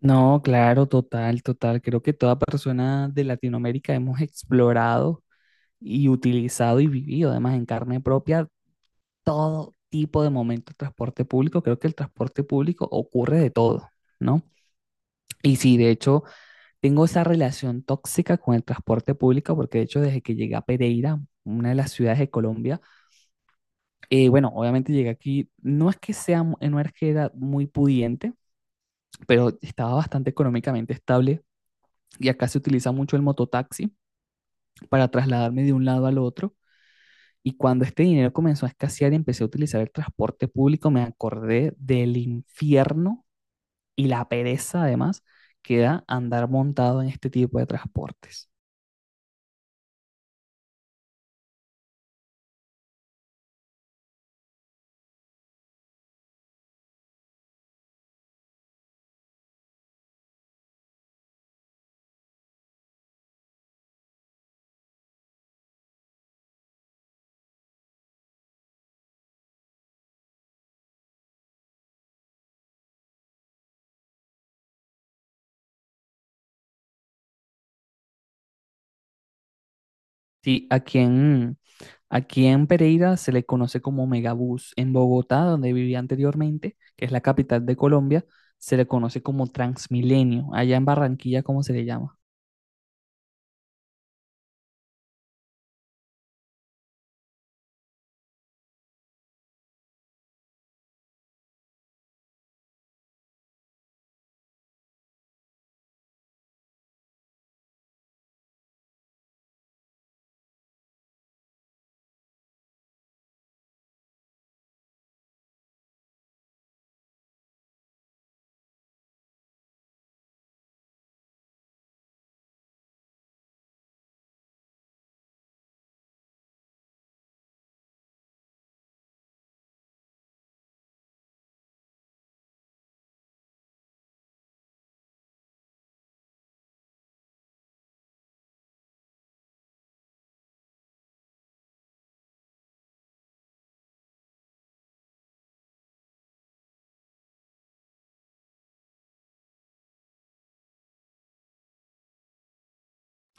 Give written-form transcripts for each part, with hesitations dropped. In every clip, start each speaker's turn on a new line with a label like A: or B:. A: No, claro, total, total. Creo que toda persona de Latinoamérica hemos explorado y utilizado y vivido, además en carne propia, todo tipo de momento de transporte público. Creo que el transporte público ocurre de todo, ¿no? Y sí, de hecho, tengo esa relación tóxica con el transporte público, porque de hecho, desde que llegué a Pereira, una de las ciudades de Colombia, bueno, obviamente llegué aquí, no es que sea, no es que era muy pudiente, pero estaba bastante económicamente estable. Y acá se utiliza mucho el mototaxi, para trasladarme de un lado al otro. Y cuando este dinero comenzó a escasear y empecé a utilizar el transporte público, me acordé del infierno y la pereza además que da andar montado en este tipo de transportes. Sí, aquí en Pereira se le conoce como Megabús. En Bogotá, donde vivía anteriormente, que es la capital de Colombia, se le conoce como Transmilenio. Allá en Barranquilla, ¿cómo se le llama?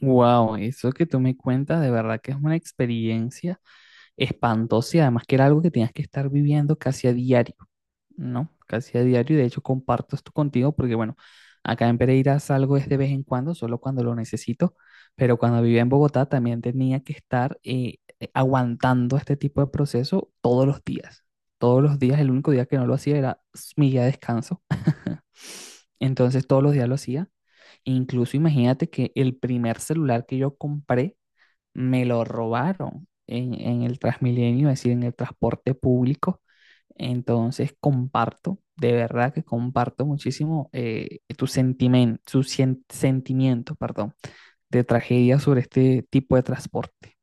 A: Wow, eso que tú me cuentas de verdad que es una experiencia espantoso y además que era algo que tenías que estar viviendo casi a diario, ¿no? Casi a diario y de hecho comparto esto contigo porque bueno, acá en Pereira salgo es de vez en cuando, solo cuando lo necesito, pero cuando vivía en Bogotá también tenía que estar aguantando este tipo de proceso todos los días. Todos los días, el único día que no lo hacía era mi día de descanso. Entonces todos los días lo hacía. Incluso imagínate que el primer celular que yo compré me lo robaron en el Transmilenio, es decir, en el transporte público. Entonces comparto, de verdad que comparto muchísimo tu sentimiento, sentimiento, perdón, de tragedia sobre este tipo de transporte.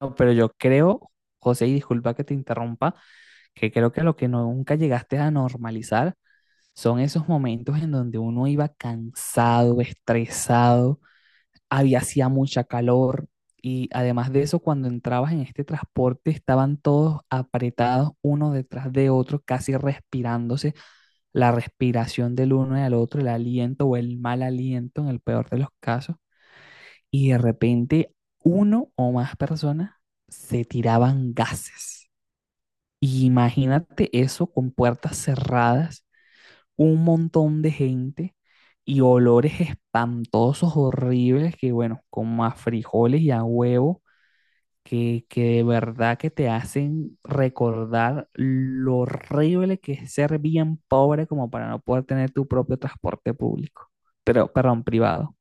A: No, pero yo creo, José, y disculpa que te interrumpa, que creo que lo que nunca llegaste a normalizar son esos momentos en donde uno iba cansado, estresado, había hacía mucha calor y además de eso, cuando entrabas en este transporte estaban todos apretados uno detrás de otro, casi respirándose la respiración del uno y al otro, el aliento o el mal aliento en el peor de los casos, y de repente uno o más personas se tiraban gases. Y imagínate eso con puertas cerradas, un montón de gente y olores espantosos, horribles, que bueno, como a frijoles y a huevo, que de verdad que te hacen recordar lo horrible que es ser bien pobre como para no poder tener tu propio transporte público, pero, perdón, privado.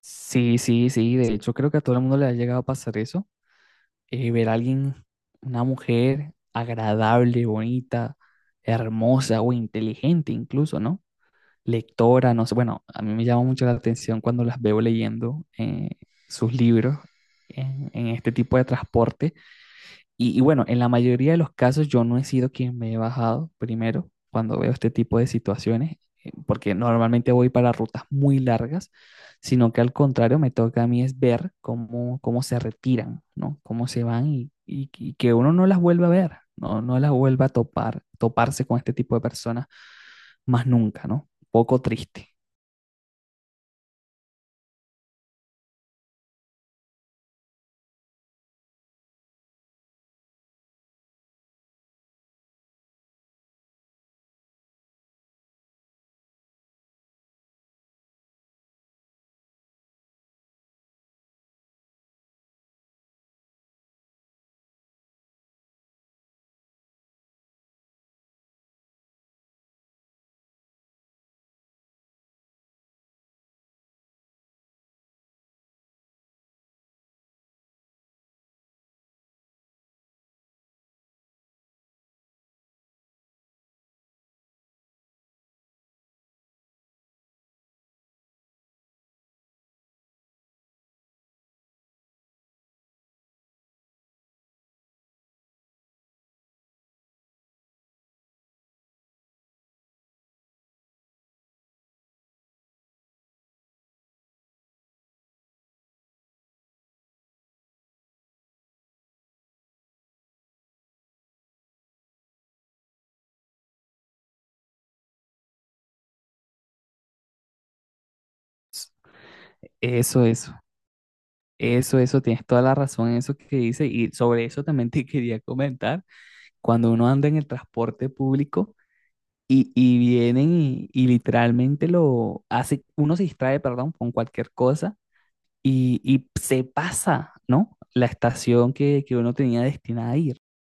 A: Sí, sí, sí, de hecho creo que a todo el mundo le ha llegado a pasar eso, ver a alguien, una mujer agradable, bonita, hermosa o inteligente incluso, ¿no? Lectora, no sé, bueno, a mí me llama mucho la atención cuando las veo leyendo sus libros este tipo de transporte. Y, y bueno, en la mayoría de los casos yo no he sido quien me he bajado primero cuando veo este tipo de situaciones, porque normalmente voy para rutas muy largas, sino que al contrario me toca a mí es ver cómo, cómo se retiran, ¿no? Cómo se van y que uno no las vuelva a ver, ¿no? No las vuelva a topar, toparse con este tipo de personas más nunca, ¿no? Poco triste. Eso, eso, eso, tienes toda la razón en eso que dices y sobre eso también te quería comentar, cuando uno anda en el transporte público y vienen y literalmente lo hace, uno se distrae, perdón, con cualquier cosa y se pasa, ¿no? La estación que uno tenía destinada a ir.